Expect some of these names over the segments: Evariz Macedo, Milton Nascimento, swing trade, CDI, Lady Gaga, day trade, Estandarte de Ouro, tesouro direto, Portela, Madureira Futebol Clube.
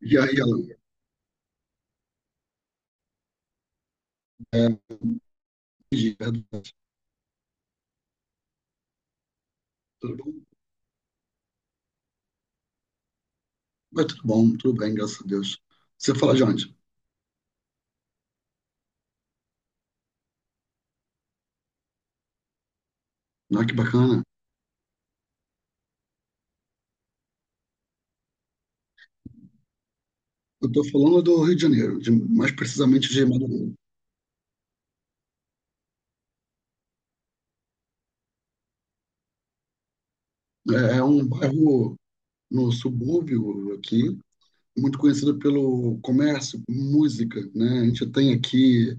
E aí ela, é, tudo bom? Mas tudo bom, tudo bem, graças a Deus. Você fala de onde? Ah, que bacana. Eu estou falando do Rio de Janeiro, mais precisamente de Madureira. É, é um bairro no subúrbio aqui, muito conhecido pelo comércio, música, né? A gente tem aqui,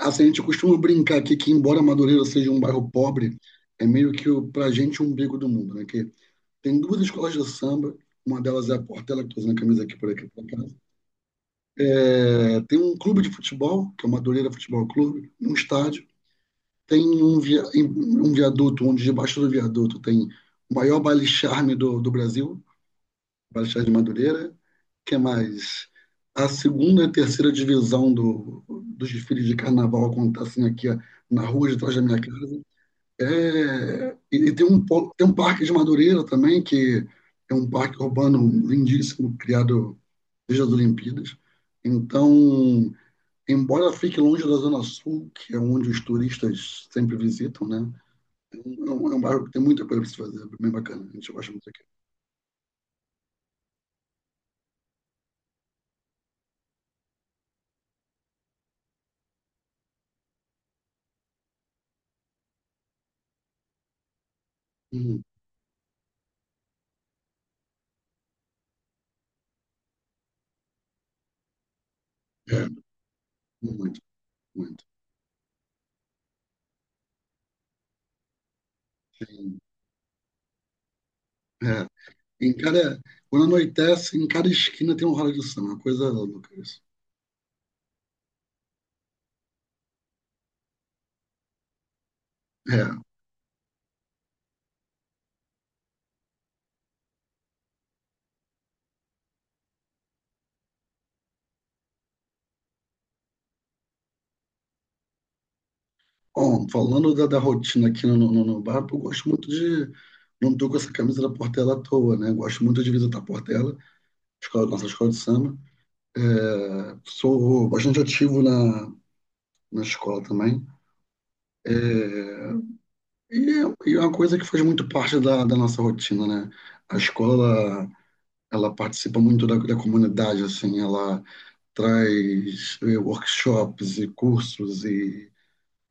assim, a gente costuma brincar aqui que embora Madureira seja um bairro pobre, é meio que o, pra gente o umbigo do mundo, né? Que tem duas escolas de samba, uma delas é a Portela, que estou usando a camisa aqui por aqui, por acaso. É, tem um clube de futebol, que é o Madureira Futebol Clube, um estádio. Tem um, via, um viaduto, onde debaixo do viaduto tem o maior baile-charme do Brasil, baile-charme de Madureira. Que é mais? A segunda e terceira divisão dos desfiles de carnaval acontecem aqui ó, na rua de trás da minha casa. É, e tem um, tem um parque de Madureira também, que é um parque urbano lindíssimo, criado desde as Olimpíadas. Então, embora fique longe da Zona Sul, que é onde os turistas sempre visitam, né? É um bairro que tem muita coisa para se fazer, é bem bacana. A gente gosta muito aqui. Hum, é, muito, muito. Tem- é. Em cada, quando anoitece, em cada esquina tem um ralo de samba, é uma coisa louca isso. É. Bom, falando da rotina aqui no bar, eu gosto muito de. Não estou com essa camisa da Portela à toa, né? Gosto muito de visitar a Portela, escola, nossa escola de samba. É, sou bastante ativo na escola também. É, e é uma coisa que faz muito parte da nossa rotina, né? A escola, ela participa muito da comunidade, assim, ela traz workshops e cursos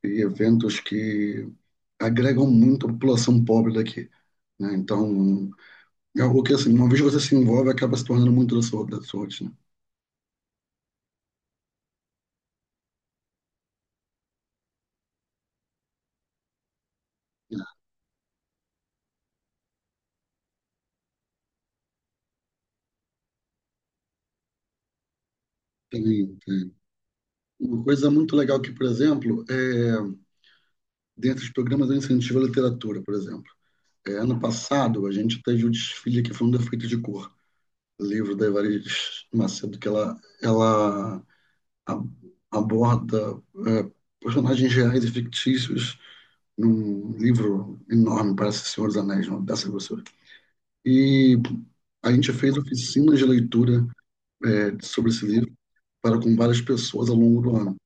e eventos que agregam muito a população pobre daqui, né? Então, é algo que, assim, uma vez que você se envolve, acaba se tornando muito da sua rotina. É, tem, tem. Uma coisa muito legal que, por exemplo, é, dentro dos programas eu incentivo a literatura, por exemplo. É, ano passado, a gente teve o desfile que foi um defeito de cor. Livro da Evariz Macedo, que ela a- aborda é, personagens reais e fictícios num livro enorme, parece Senhor dos Anéis, não, dessa grossura. E a gente fez oficinas de leitura é, sobre esse livro para com várias pessoas ao longo do ano.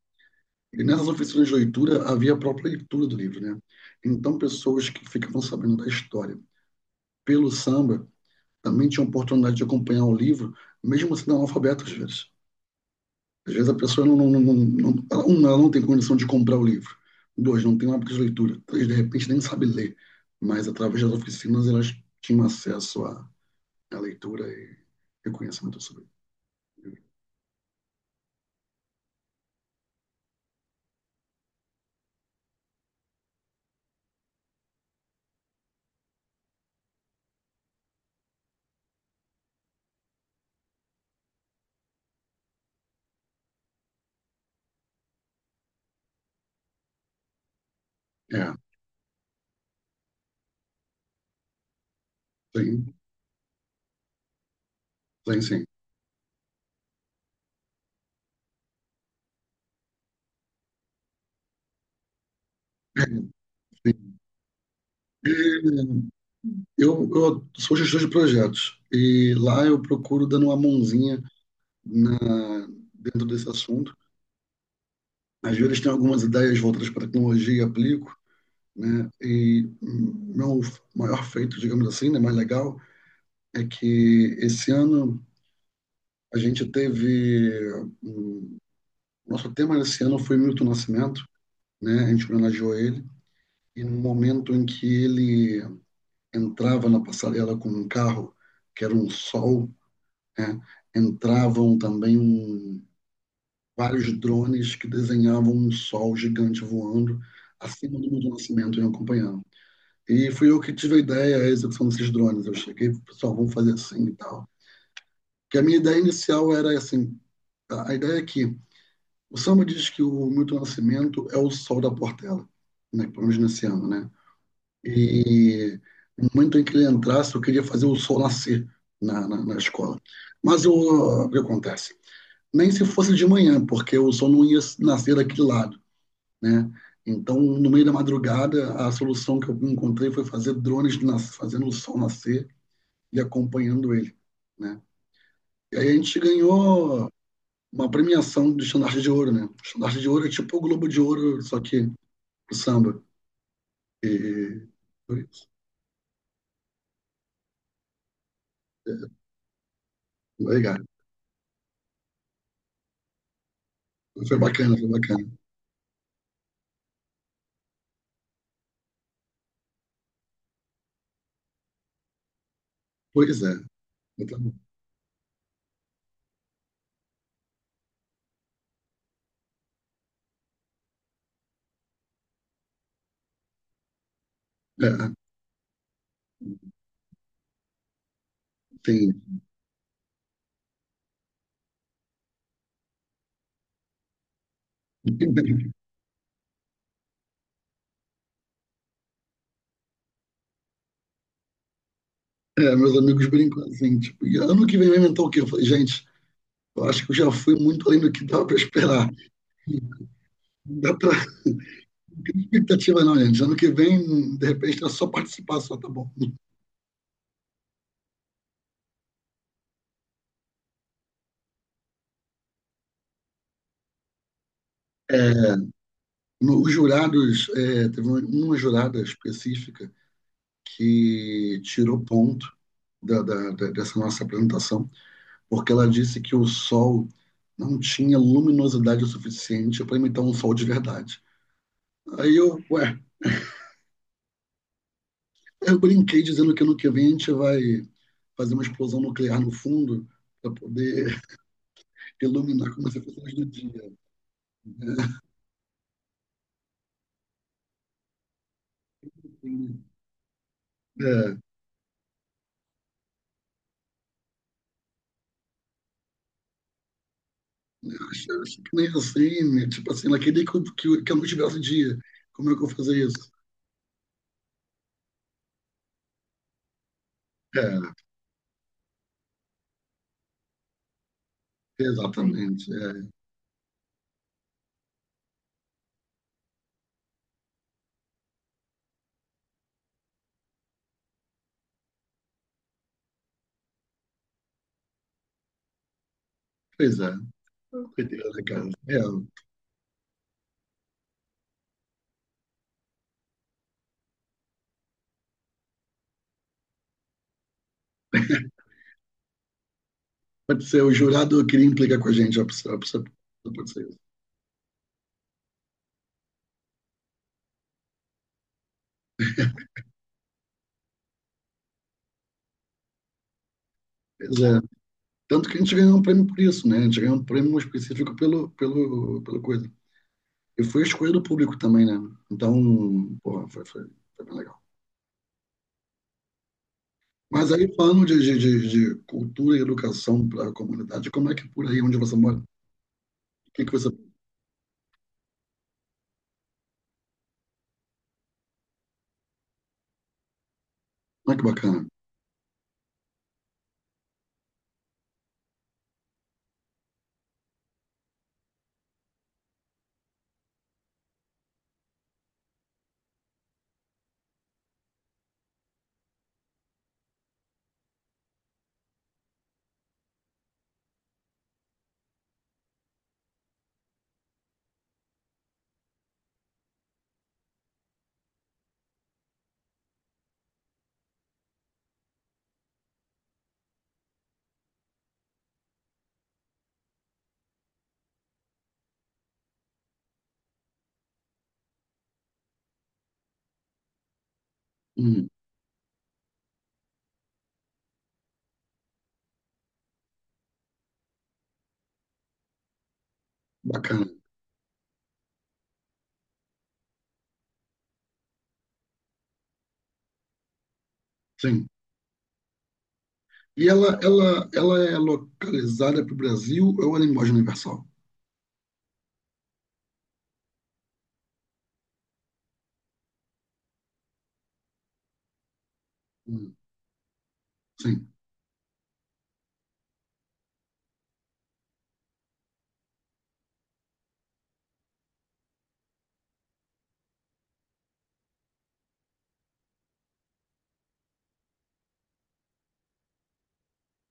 E nessas oficinas de leitura havia a própria leitura do livro, né? Então, pessoas que ficavam sabendo da história pelo samba também tinha a oportunidade de acompanhar o livro, mesmo sendo analfabeto às vezes. Às vezes a pessoa não, ela não tem condição de comprar o livro. Dois, não tem um hábito de leitura. Três, de repente nem sabe ler. Mas através das oficinas elas tinham acesso à, à leitura e, reconhecimento conhecimento sobre ele. É, sim, sim, sim. Eu sou gestor de projetos e lá eu procuro dando uma mãozinha na, dentro desse assunto. Às vezes tenho algumas ideias voltadas para a tecnologia e aplico, né? E meu maior feito, digamos assim, né, mais legal, é que esse ano a gente teve hum, nosso tema desse ano foi Milton Nascimento, né? A gente homenageou ele e no momento em que ele entrava na passarela com um carro que era um sol, né? Entravam também um, vários drones que desenhavam um sol gigante voando acima do Milton Nascimento e acompanhando. E fui eu que tive a ideia, a execução desses drones. Eu cheguei, pessoal, vamos fazer assim e tal. Que a minha ideia inicial era assim, a ideia é que o samba diz que o Milton Nascimento é o sol da Portela, né? Pelo menos nesse ano, né? E no momento em que ele entrasse, eu queria fazer o sol nascer na escola. Mas eu, o que acontece? Nem se fosse de manhã, porque o sol não ia nascer daquele lado, né? Então, no meio da madrugada, a solução que eu encontrei foi fazer drones nas, fazendo o sol nascer e acompanhando ele, né? E aí a gente ganhou uma premiação do Estandarte de Ouro, né? O Estandarte de Ouro é tipo o Globo de Ouro, só que o samba. E foi isso. É, legal. Foi bacana, foi bacana. Pois é. Então, é, tem... é, meus amigos brincam assim, tipo, ano que vem vai inventar o quê? Eu falei, gente, eu acho que eu já fui muito além do que dava para esperar. Não dá para. Não tem expectativa, não, gente. Ano que vem, de repente, é só participar, só tá bom. É, no, os jurados, é, teve uma jurada específica que tirou ponto dessa nossa apresentação, porque ela disse que o Sol não tinha luminosidade o suficiente para imitar um Sol de verdade. Aí eu, ué, eu brinquei dizendo que ano que vem a gente vai fazer uma explosão nuclear no fundo para poder iluminar como se fosse a luz do dia. Né? É, eu acho, acho que nem assim, né? Tipo assim, ela queria que a luz tivesse dia. Como é que eu vou fazer isso? É, exatamente. É. Pois é. Coitada, cara. É, pode ser, o jurado queria implicar com a gente, a pessoa- pode ser isso. Pois é. Tanto que a gente ganhou um prêmio por isso, né? A gente ganhou um prêmio específico pelo coisa. E foi escolha do público também, né? Então, porra, foi bem legal. Mas aí, falando de cultura e educação para a comunidade, como é que é por aí onde você mora? O que que você. Olha que bacana. Hum, bacana. Sim. E ela é localizada para o Brasil ou ela é em linguagem universal? Hum, sim.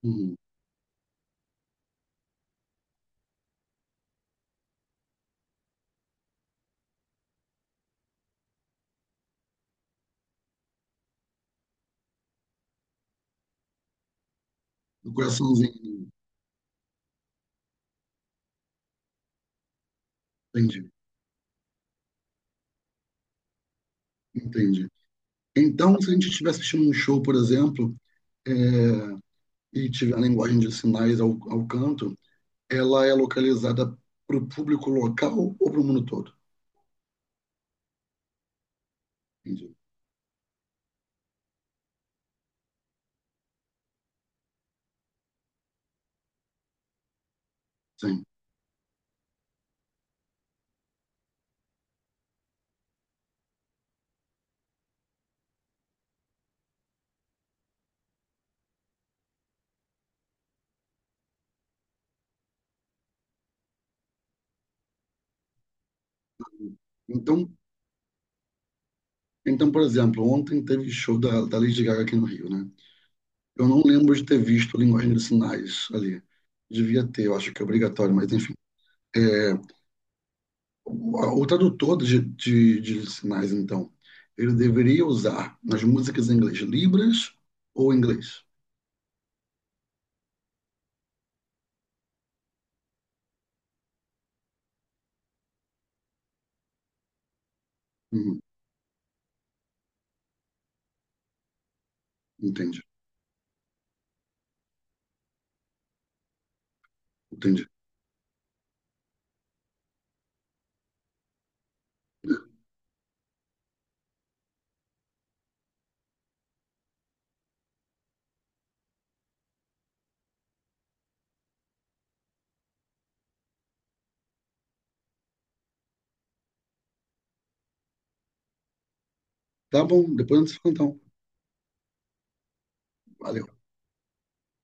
Hum, no coraçãozinho. Entendi. Entendi. Então, se a gente estiver assistindo um show, por exemplo, é, e tiver a linguagem de sinais ao, ao canto, ela é localizada para o público local ou para o mundo todo? Entendi. Sim. Então, então, por exemplo, ontem teve show da Lady Gaga aqui no Rio, né? Eu não lembro de ter visto a linguagem de sinais ali. Devia ter, eu acho que é obrigatório, mas enfim. É, o tradutor de sinais, então, ele deveria usar nas músicas em inglês libras ou inglês? Uhum, entendi, entendi. Tá bom, depois a gente se fala, então. Valeu.